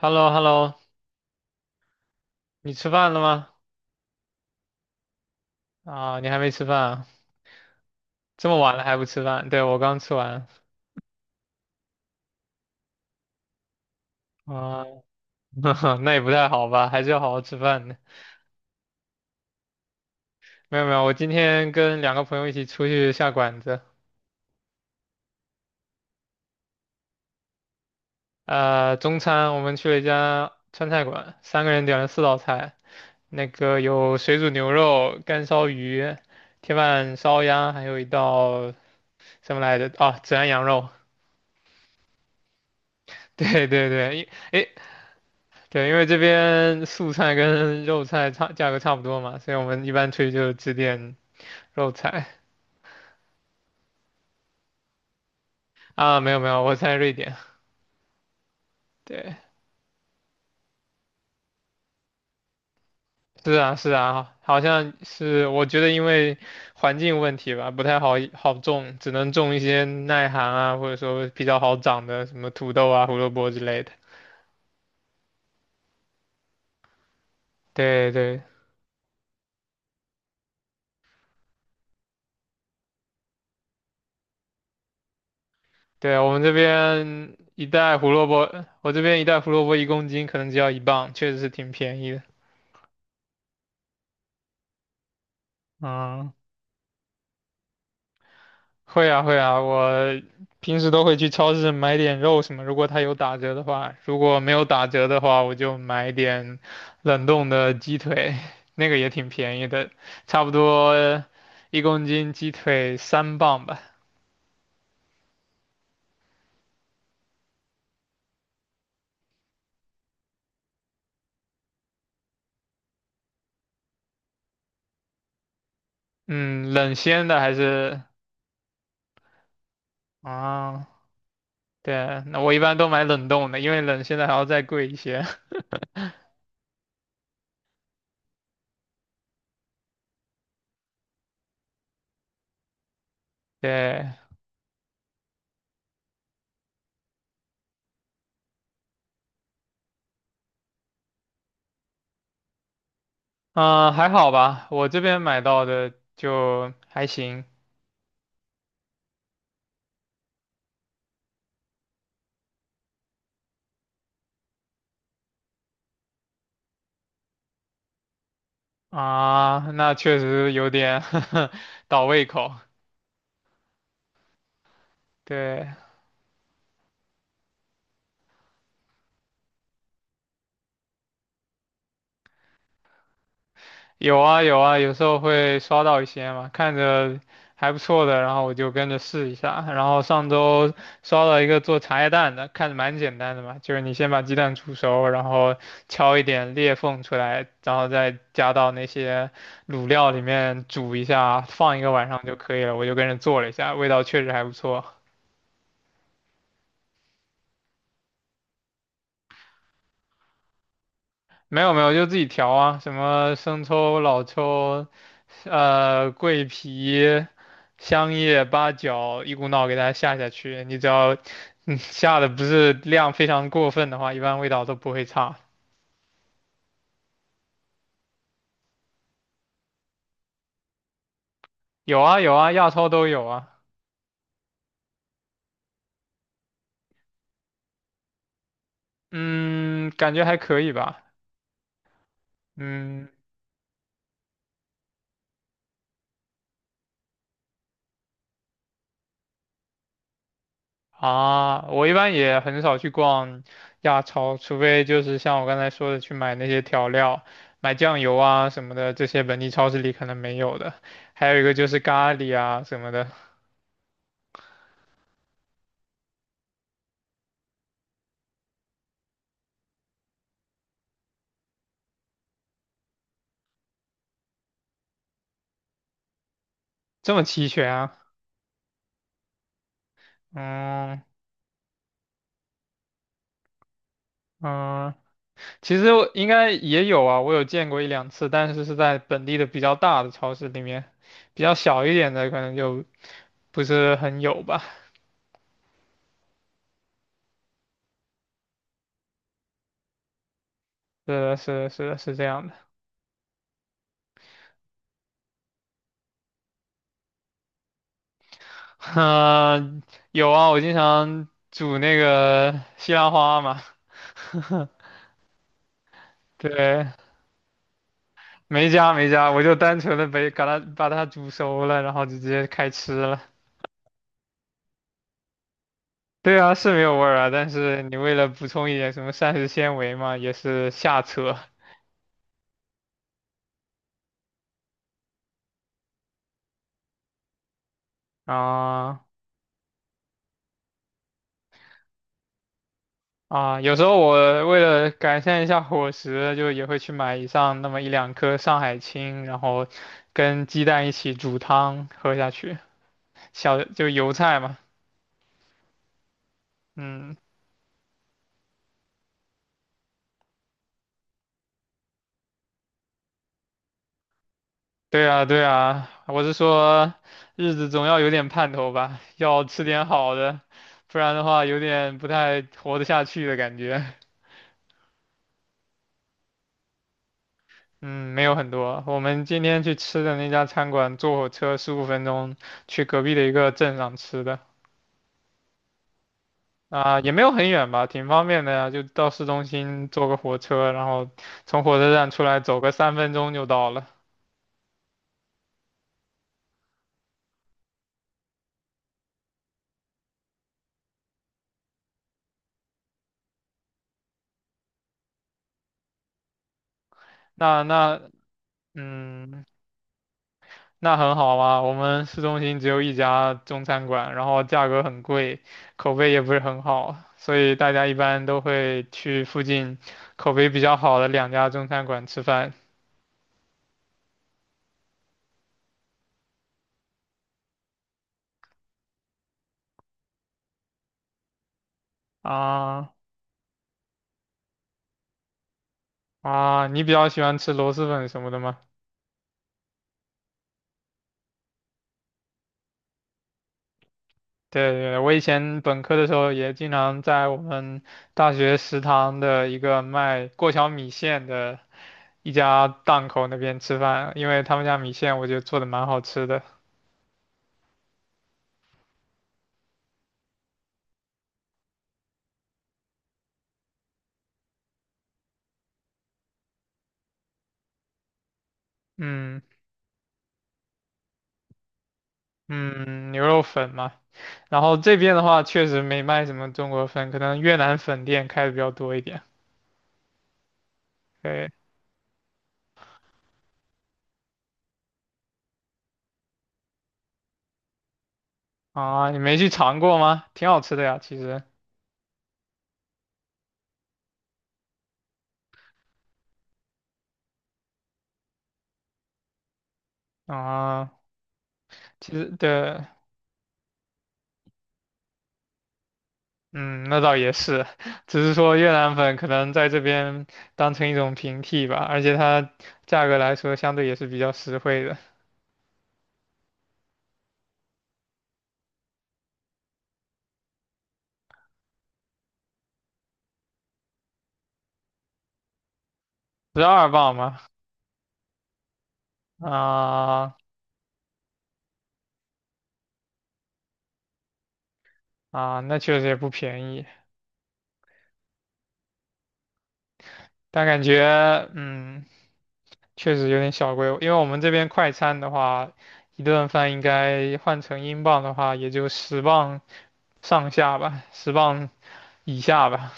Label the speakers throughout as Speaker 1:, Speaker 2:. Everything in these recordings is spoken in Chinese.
Speaker 1: h e l l o h e l l o 你吃饭了吗？啊，你还没吃饭啊？这么晚了还不吃饭？对，我刚吃完。啊，那也不太好吧？还是要好好吃饭的。没有没有，我今天跟两个朋友一起出去下馆子。中餐我们去了一家川菜馆，三个人点了四道菜，那个有水煮牛肉、干烧鱼、铁板烧鸭，还有一道什么来着？啊，孜然羊肉。对对对，对，因为这边素菜跟肉菜差价格差不多嘛，所以我们一般出去就只点肉菜啊。没有没有，我在瑞典。对，是啊是啊，好像是我觉得因为环境问题吧，不太好好种，只能种一些耐寒啊，或者说比较好长的什么土豆啊、胡萝卜之类的。对对对，我们这边一袋胡萝卜，我这边一袋胡萝卜一公斤可能只要1磅，确实是挺便宜的。嗯。会啊会啊，我平时都会去超市买点肉什么，如果它有打折的话，如果没有打折的话，我就买点冷冻的鸡腿，那个也挺便宜的，差不多一公斤鸡腿3磅吧。嗯，冷鲜的还是啊，对，那我一般都买冷冻的，因为冷鲜的还要再贵一些。对，嗯，还好吧，我这边买到的就还行。啊，那确实有点 倒胃口。对，有啊有啊，有时候会刷到一些嘛，看着还不错的，然后我就跟着试一下。然后上周刷到一个做茶叶蛋的，看着蛮简单的嘛，就是你先把鸡蛋煮熟，然后敲一点裂缝出来，然后再加到那些卤料里面煮一下，放一个晚上就可以了。我就跟着做了一下，味道确实还不错。没有没有，就自己调啊，什么生抽、老抽，桂皮、香叶、八角，一股脑给它下下去。你只要，下的不是量非常过分的话，一般味道都不会差。有啊有啊，亚超都有啊。嗯，感觉还可以吧。嗯，啊，我一般也很少去逛亚超，除非就是像我刚才说的去买那些调料，买酱油啊什么的，这些本地超市里可能没有的。还有一个就是咖喱啊什么的，这么齐全啊？嗯嗯，其实我应该也有啊，我有见过一两次，但是是在本地的比较大的超市里面，比较小一点的可能就不是很有吧。是的，是的，是的，是这样的。嗯、有啊，我经常煮那个西兰花嘛。对，没加没加，我就单纯的把它煮熟了，然后就直接开吃了。对啊，是没有味儿啊，但是你为了补充一点什么膳食纤维嘛，也是瞎扯啊啊。有时候我为了改善一下伙食，就也会去买一上那么一两颗上海青，然后跟鸡蛋一起煮汤喝下去，小就油菜嘛，嗯。对啊，对啊，我是说，日子总要有点盼头吧，要吃点好的，不然的话有点不太活得下去的感觉。嗯，没有很多。我们今天去吃的那家餐馆，坐火车15分钟去隔壁的一个镇上吃的，啊、也没有很远吧，挺方便的呀，就到市中心坐个火车，然后从火车站出来走个3分钟就到了。那那，嗯。那很好啊，我们市中心只有一家中餐馆，然后价格很贵，口碑也不是很好，所以大家一般都会去附近口碑比较好的两家中餐馆吃饭。啊啊，你比较喜欢吃螺蛳粉什么的吗？对对，我以前本科的时候也经常在我们大学食堂的一个卖过桥米线的一家档口那边吃饭，因为他们家米线我觉得做的蛮好吃的。嗯嗯，牛肉粉嘛。然后这边的话，确实没卖什么中国粉，可能越南粉店开的比较多一点。对啊，你没去尝过吗？挺好吃的呀，其实啊，其实对，嗯，那倒也是，只是说越南粉可能在这边当成一种平替吧，而且它价格来说相对也是比较实惠的，12磅嘛，啊啊，那确实也不便宜，但感觉嗯。确实有点小贵，因为我们这边快餐的话，一顿饭应该换成英镑的话，也就十磅上下吧，十磅以下吧。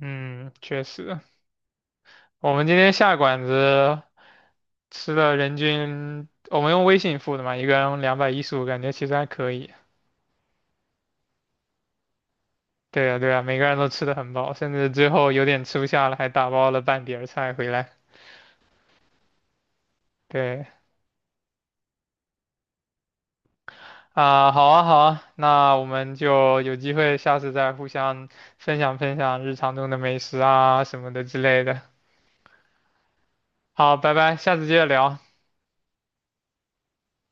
Speaker 1: 嗯，确实，我们今天下馆子吃了人均，我们用微信付的嘛，一个人215，感觉其实还可以。对呀，对呀，每个人都吃的很饱，甚至最后有点吃不下了，还打包了半碟儿菜回来。对。啊，好啊，好啊，那我们就有机会下次再互相分享分享日常中的美食啊什么的之类的。好，拜拜，下次接着聊。